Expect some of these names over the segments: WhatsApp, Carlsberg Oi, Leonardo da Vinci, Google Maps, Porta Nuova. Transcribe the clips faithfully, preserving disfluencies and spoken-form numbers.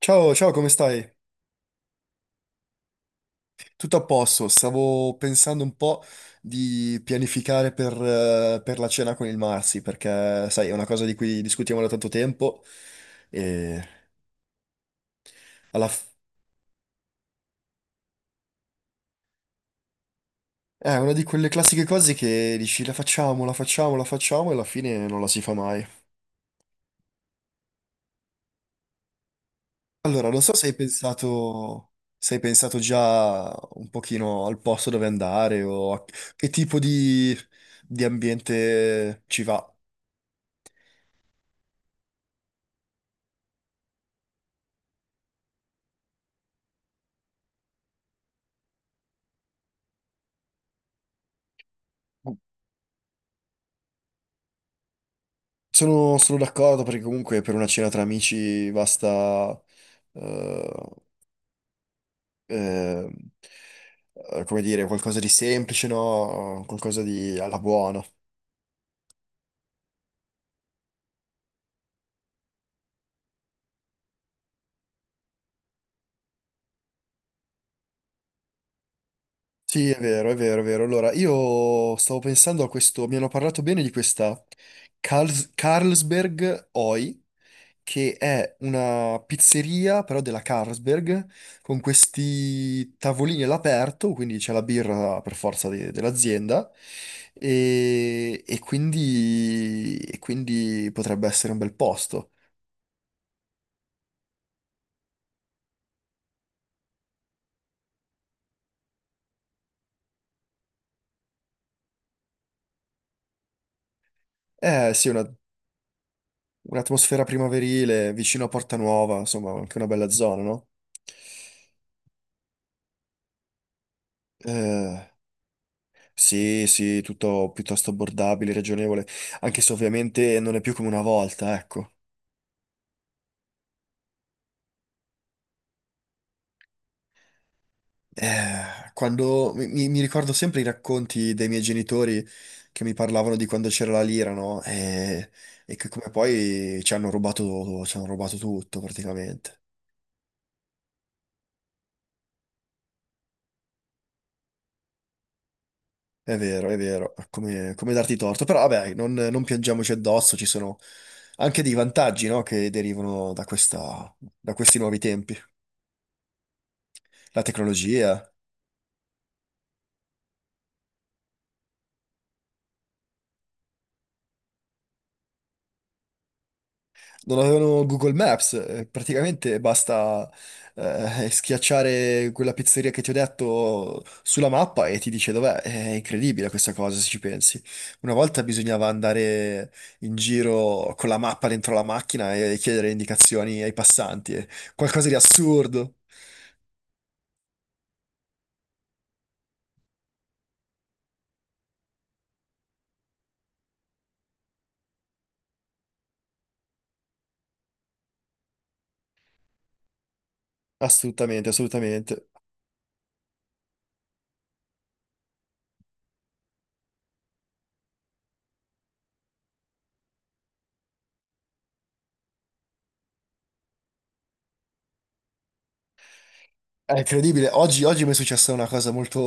Ciao, ciao, come stai? Tutto a posto, stavo pensando un po' di pianificare per, eh, per la cena con il Marsi, perché sai, è una cosa di cui discutiamo da tanto tempo e alla f- è una di quelle classiche cose che dici la facciamo, la facciamo, la facciamo e alla fine non la si fa mai. Allora, non so se hai pensato, se hai pensato già un pochino al posto dove andare o a che tipo di, di ambiente ci va. Sono, sono d'accordo perché comunque per una cena tra amici basta, eh, eh, eh, come dire, qualcosa di semplice, no? Qualcosa di alla buona. Sì, è vero, è vero, è vero. Allora, io stavo pensando a questo, mi hanno parlato bene di questa Karls- Carlsberg Oi, che è una pizzeria, però della Carlsberg, con questi tavolini all'aperto, quindi c'è la birra per forza de- dell'azienda, e, e quindi, e quindi potrebbe essere un bel posto. Eh sì, una- un'atmosfera primaverile, vicino a Porta Nuova, insomma, anche una bella zona, no? Eh, sì, sì, tutto piuttosto abbordabile, ragionevole, anche se ovviamente non è più come una volta, ecco. Eh, quando mi, mi- mi ricordo sempre i racconti dei miei genitori che mi parlavano di quando c'era la lira, no? E, e che come poi ci hanno rubato, ci hanno rubato tutto praticamente. È vero, è vero, come, come darti torto. Però vabbè, non, non piangiamoci addosso, ci sono anche dei vantaggi, no? Che derivano da questa, da questi nuovi tempi. La tecnologia. Non avevano Google Maps, eh, praticamente basta eh, schiacciare quella pizzeria che ti ho detto sulla mappa e ti dice dov'è. È incredibile questa cosa, se ci pensi. Una volta bisognava andare in giro con la mappa dentro la macchina e chiedere indicazioni ai passanti, eh, qualcosa di assurdo. Assolutamente, assolutamente. È incredibile. Oggi, oggi mi è successa una cosa molto,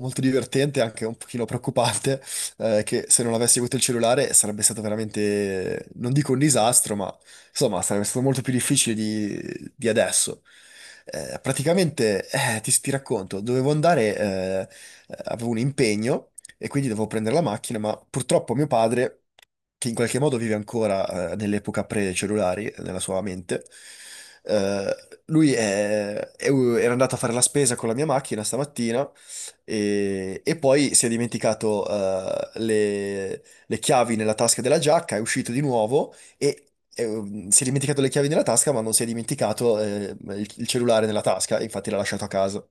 molto divertente, anche un pochino preoccupante, eh, che se non avessi avuto il cellulare sarebbe stato veramente, non dico un disastro, ma insomma sarebbe stato molto più difficile di, di adesso. Eh, praticamente, eh, ti, ti racconto, dovevo andare, eh, eh, avevo un impegno e quindi dovevo prendere la macchina, ma purtroppo mio padre che in qualche modo vive ancora eh, nell'epoca pre-cellulari, nella sua mente. Eh, lui è- è- era andato a fare la spesa con la mia macchina stamattina e, e poi si è dimenticato eh, le, le chiavi nella tasca della giacca, è uscito di nuovo e e, um, si è dimenticato le chiavi nella tasca, ma non si è dimenticato eh, il, il cellulare nella tasca, infatti l'ha lasciato a casa.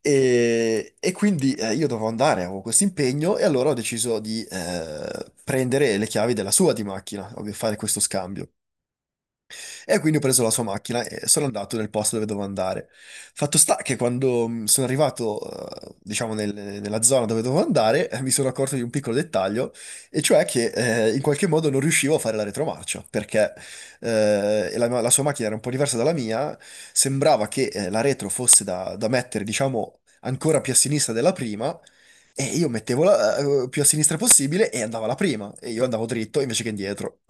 E, e quindi eh, io dovevo andare, avevo questo impegno, e allora ho deciso di eh, prendere le chiavi della sua di macchina, ovvio, fare questo scambio. E quindi ho preso la sua macchina e sono andato nel posto dove dovevo andare. Fatto sta che quando mh, sono arrivato, eh, diciamo, nel- nella zona dove dovevo andare, eh, mi sono accorto di un piccolo dettaglio, e cioè che eh, in qualche modo non riuscivo a fare la retromarcia, perché eh, la, la sua macchina era un po' diversa dalla mia, sembrava che eh, la retro fosse da, da mettere, diciamo, ancora più a sinistra della prima, e io mettevo la, eh, eh, più a sinistra possibile e andava la prima, e io andavo dritto invece che indietro.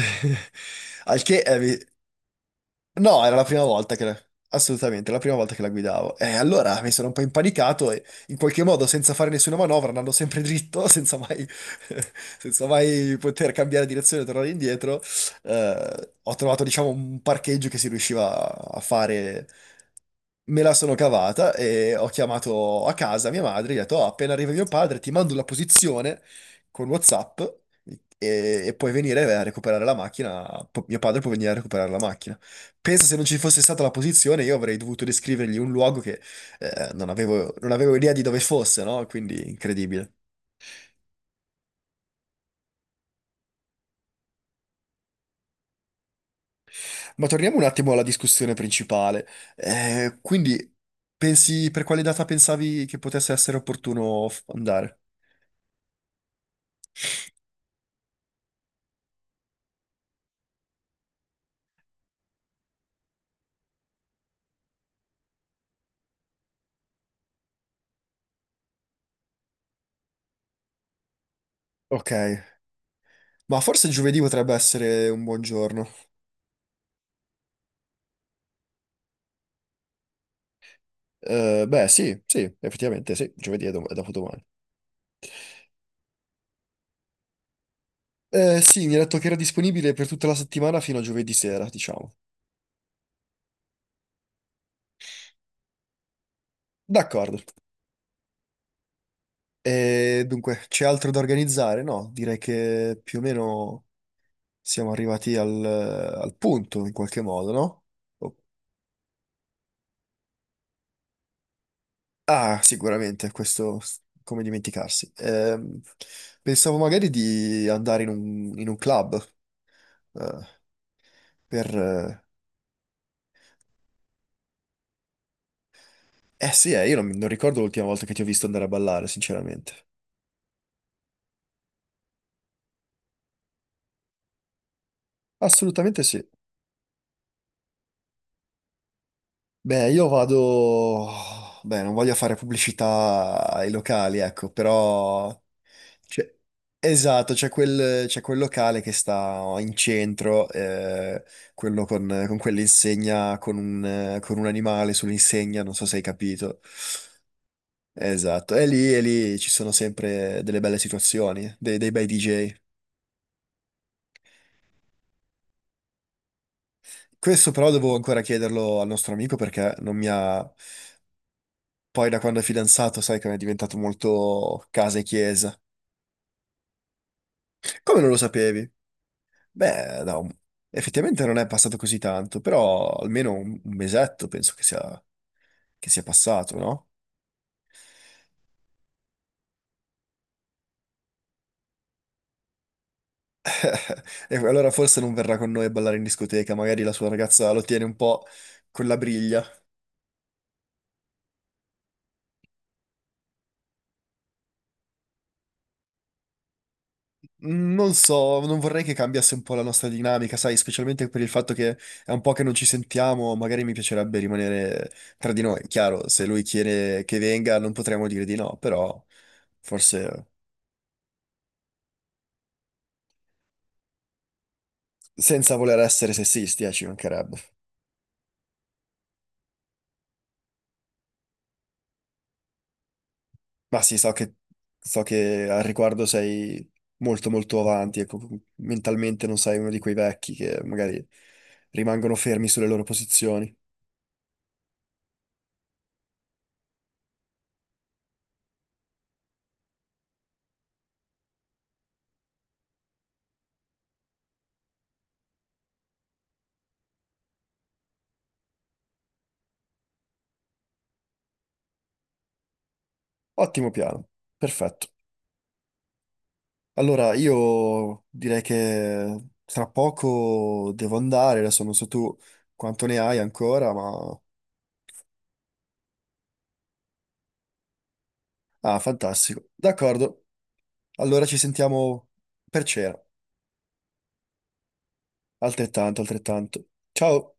Al che eh, mi- No, era la prima volta che la... Assolutamente, la prima volta che la guidavo. E allora mi sono un po' impanicato e in qualche modo, senza fare nessuna manovra, andando sempre dritto, senza mai, senza mai poter cambiare direzione e tornare indietro, eh, ho trovato, diciamo, un parcheggio che si riusciva a fare. Me la sono cavata e ho chiamato a casa mia madre, gli ho detto, "Oh, appena arriva mio padre, ti mando la posizione con WhatsApp e, e puoi venire a recuperare la macchina. P- Mio padre può venire a recuperare la macchina. Pensa se non ci fosse stata la posizione, io avrei dovuto descrivergli un luogo che eh, non avevo, non avevo idea di dove fosse, no? Quindi incredibile. Ma torniamo un attimo alla discussione principale. Eh, quindi, pensi per quale data pensavi che potesse essere opportuno f- andare? Ok, ma forse giovedì potrebbe essere un buon giorno. Eh, beh, sì, sì, effettivamente sì, giovedì è, dom- è dopodomani. Eh, sì, mi ha detto che era disponibile per tutta la settimana fino a giovedì sera, diciamo. D'accordo. E dunque, c'è altro da organizzare? No, direi che più o meno siamo arrivati al, al punto in qualche modo, no? Oh, ah, sicuramente, questo s- come dimenticarsi. Ehm, pensavo magari di andare in un, in un club, eh, per... Eh, eh sì, eh, io non, mi- non ricordo l'ultima volta che ti ho visto andare a ballare, sinceramente. Assolutamente sì. Beh, io vado... Beh, non voglio fare pubblicità ai locali, ecco, però... C'è- Esatto, c'è quel, c'è quel locale che sta in centro, eh, quello con, con quell'insegna, con un, eh, con un animale sull'insegna, non so se hai capito. Esatto, e lì, e lì ci sono sempre delle belle situazioni, dei, dei bei D J. Questo però devo ancora chiederlo al nostro amico perché non mi ha... Poi da quando è fidanzato sai che è diventato molto casa e chiesa. Come non lo sapevi? Beh, no, effettivamente non è passato così tanto, però almeno un, un mesetto penso che sia, che sia passato, no? E allora forse non verrà con noi a ballare in discoteca, magari la sua ragazza lo tiene un po' con la briglia. Mm, non so, non vorrei che cambiasse un po' la nostra dinamica, sai, specialmente per il fatto che è un po' che non ci sentiamo, magari mi piacerebbe rimanere tra di noi. Chiaro, se lui chiede che venga non potremo dire di no, però forse senza voler essere sessisti, eh, ci mancherebbe. Ma sì, so che, so che al riguardo sei molto molto avanti, ecco, mentalmente non sei uno di quei vecchi che magari rimangono fermi sulle loro posizioni. Ottimo piano, perfetto. Allora, io direi che tra poco devo andare, adesso non so tu quanto ne hai ancora, ma... Ah, fantastico. D'accordo, allora ci sentiamo per cena. Altrettanto, altrettanto. Ciao!